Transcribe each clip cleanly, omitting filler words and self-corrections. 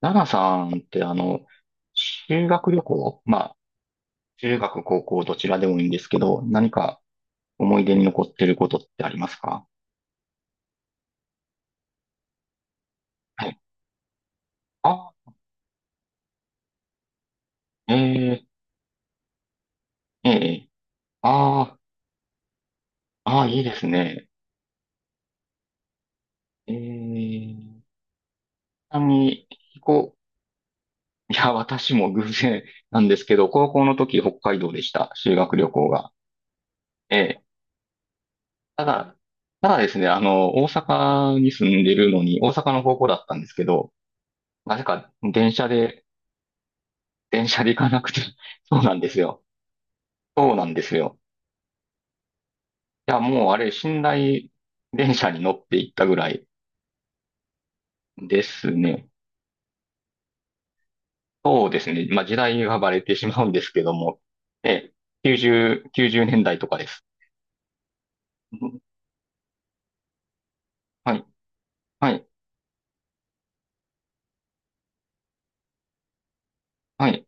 ナナさんって修学旅行、まあ、中学、高校、どちらでもいいんですけど、何か思い出に残ってることってありますか？はい。あ、ええ、ええ、ああ、ああ、いいですね。ええ、ちなみに、飛行、いや、私も偶然なんですけど、高校の時、北海道でした。修学旅行が。ええ、ただ、ただですね、大阪に住んでるのに、大阪の高校だったんですけど、なぜか電車で行かなくて そうなんですよ。そうなんですよ。いや、もうあれ、寝台電車に乗って行ったぐらいですね。そうですね。まあ、時代がバレてしまうんですけども。え、90年代とかです。うん、はい、はい、はい。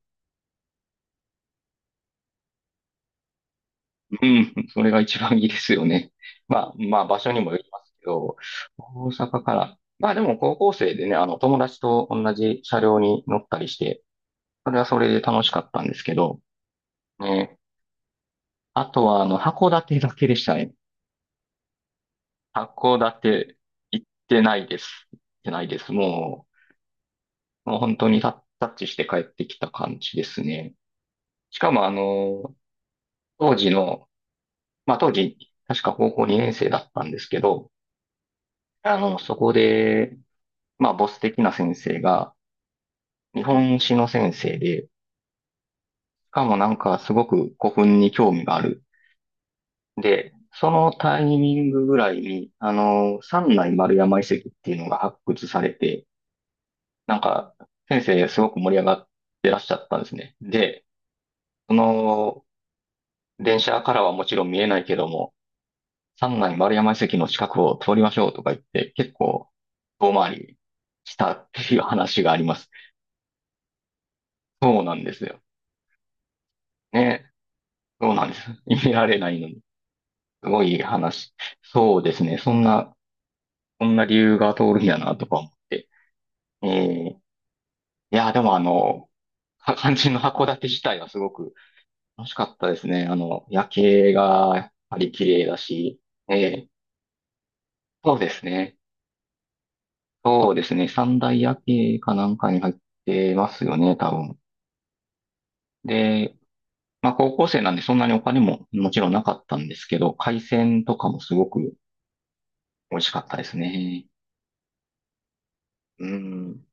うん、それが一番いいですよね。まあ、まあ、場所にもよりますけど、大阪から。まあ、でも高校生でね、友達と同じ車両に乗ったりして、それはそれで楽しかったんですけど、ね、あとは、函館だけでしたね。函館、行ってないです。行ってないです。もう本当にタッチして帰ってきた感じですね。しかも、当時の、まあ当時、確か高校2年生だったんですけど、そこで、まあボス的な先生が、日本史の先生で、しかもなんかすごく古墳に興味がある。で、そのタイミングぐらいに、三内丸山遺跡っていうのが発掘されて、なんか、先生すごく盛り上がってらっしゃったんですね。で、その、電車からはもちろん見えないけども、三内丸山遺跡の近くを通りましょうとか言って、結構、遠回りしたっていう話があります。そうなんですよ。ね。そうなんです。見られないのに。すごい話。そうですね。そんな理由が通るんやなとか思って。えーいや、でも肝心の函館自体はすごく楽しかったですね。夜景がやっぱり綺麗だし、ええ、そうですね。そうですね。三大夜景かなんかに入ってますよね、多分。で、まあ高校生なんでそんなにお金ももちろんなかったんですけど、海鮮とかもすごく美味しかったですね。うん、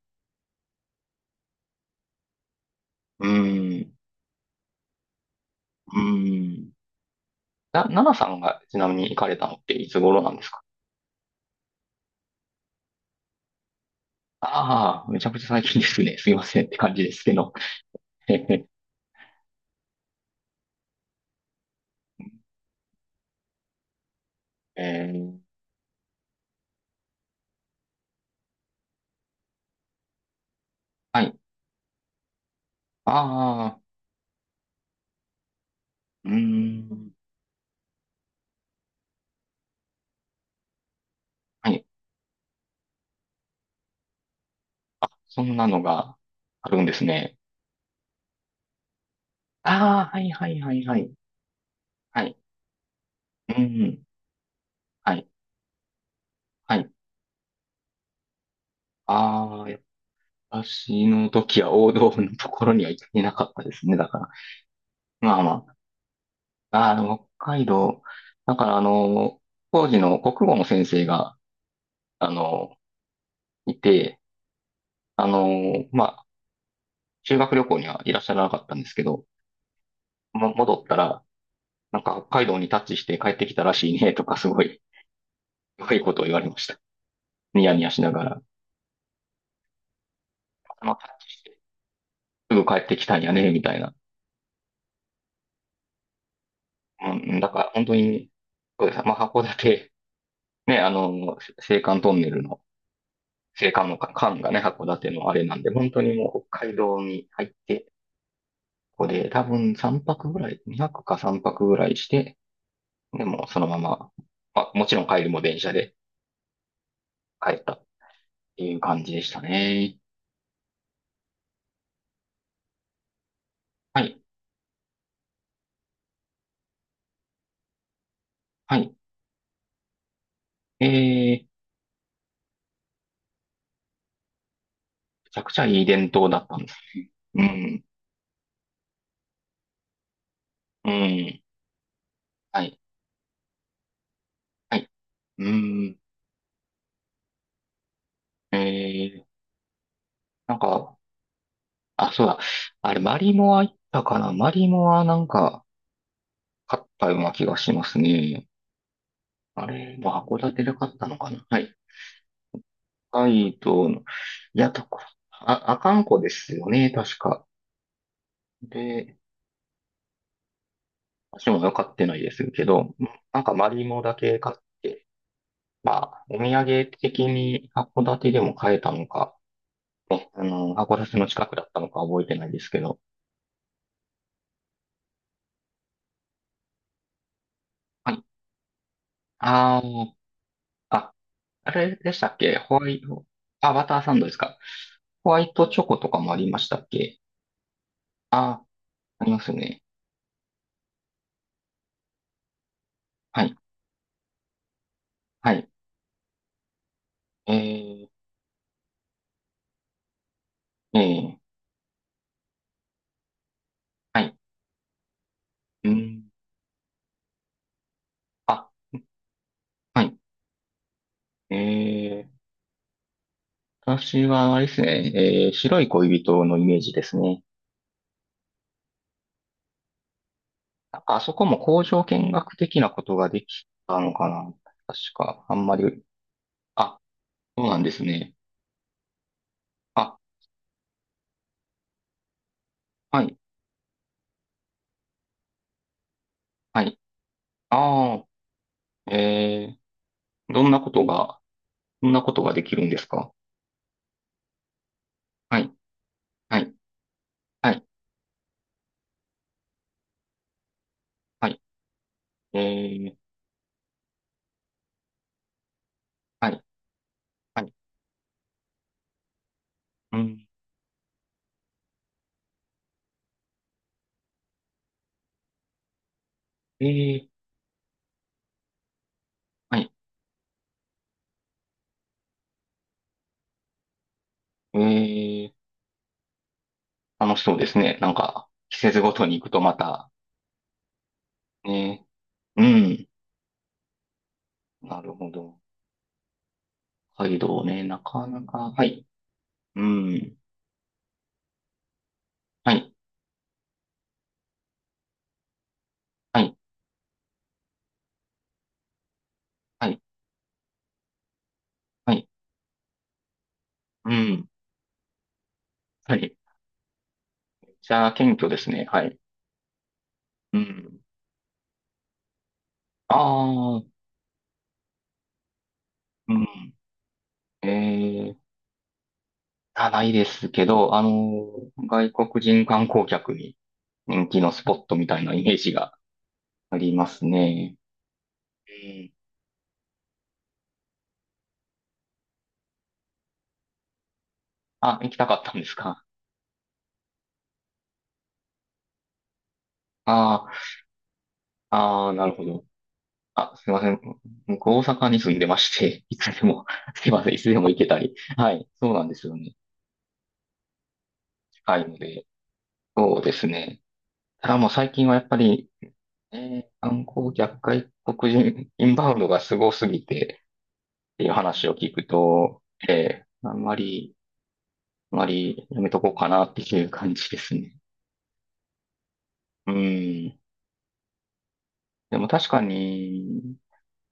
うん、うん。奈々さんがちなみに行かれたのっていつ頃なんですか？ああ、めちゃくちゃ最近ですね。すいませんって感じですけど。えー、はい。ああ、うーん。はい。そんなのがあるんですね。ああ、はいはいはいはい。はい。うん。はい。はい。ああ、私の時は王道のところには行ってなかったですね。だから。まあまあ。ああ、でも北海道。だから当時の国語の先生が、あの、いて、まあ、修学旅行にはいらっしゃらなかったんですけど、戻ったら、なんか北海道にタッチして帰ってきたらしいね、とかすごいことを言われました。ニヤニヤしながら、タッチして、すぐ帰ってきたんやね、みたいな。うん、だから本当に、そうです。まあ、函館、ね、青函トンネルの、青函の間がね、函館のあれなんで、本当にもう北海道に入って、ここで多分3泊ぐらい、2泊か3泊ぐらいして、でもうそのまま、まあ、もちろん帰りも電車で帰ったっていう感じでしたね。はい、はい。えー、めちゃくちゃいい伝統だったんです。うん、うん、はい、はい、うん。ええ、なんか、あ、そうだ。あれ、マリモは行ったかな？マリモはなんか、買ったような気がしますね。あれ、まあ、函館で買ったのかな？はい。はいいや、あ、阿寒湖ですよね、確か。で、私も買ってないですけど、なんかマリモだけ買って、まあ、お土産的に函館でも買えたのか、函館の近くだったのか覚えてないですけど、はい。あーあ、あれでしたっけ？ホワイト、あ、バターサンドですか。ホワイトチョコとかもありましたっけ？あ、ありますね。はい、はい。えー、えー、はい。うん。あ、はい。えー、私はあれですね、白い恋人のイメージですね。なんかあそこも工場見学的なことができたのかな？確か、あんまり、あ、そうなんですね。あ、はい、はい。ああ、ー、どんなことが、どんなことができるんですか？はい。はいはい、はい、えー、はい、はい、うん、えー、はい、えー、楽しそうですね。なんか、季節ごとに行くとまた、ね、うん、なるほど。北海道ね、なかなか、はい、うん、はい、はい、はい、はい、うん、はい、めっちゃ謙虚ですね、はい、うん、ああ、うん、えー、あ、ないですけど、外国人観光客に人気のスポットみたいなイメージがありますね。うん、あ、行きたかったんですか？ああ、ああ、なるほど。あ、すいません。僕、大阪に住んでまして、いつでも、すいません、いつでも行けたり。はい、そうなんですよね。近いので、そうですね。ただもう最近はやっぱり、え観光客外国人、インバウンドがすごすぎて、っていう話を聞くと、えーあんまり、あんまりやめとこうかなっていう感じですね。うん。でも確かに、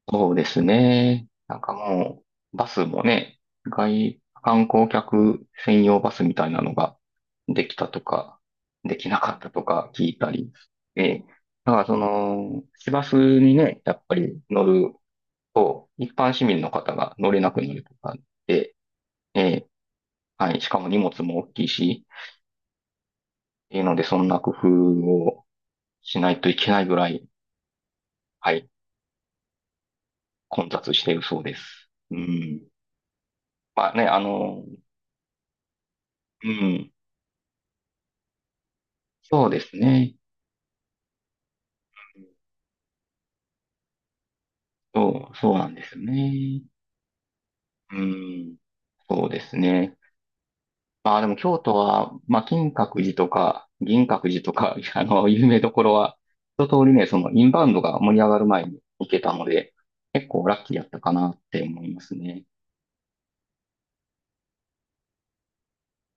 そうですね。なんかもう、バスもね、観光客専用バスみたいなのができたとか、できなかったとか聞いたり。え、だから市バスにね、やっぱり乗ると、一般市民の方が乗れなくなるとかで、え、はい、しかも荷物も大きいし、っていうので、そんな工夫をしないといけないぐらい、はい、混雑しているそうです。うん。まあね、うん。そうですね。そう、そうなんですよね。うん、そうですね。まあでも京都は、まあ金閣寺とか銀閣寺とか、有名どころは、一通りね、そのインバウンドが盛り上がる前に行けたので、結構ラッキーだったかなって思いますね。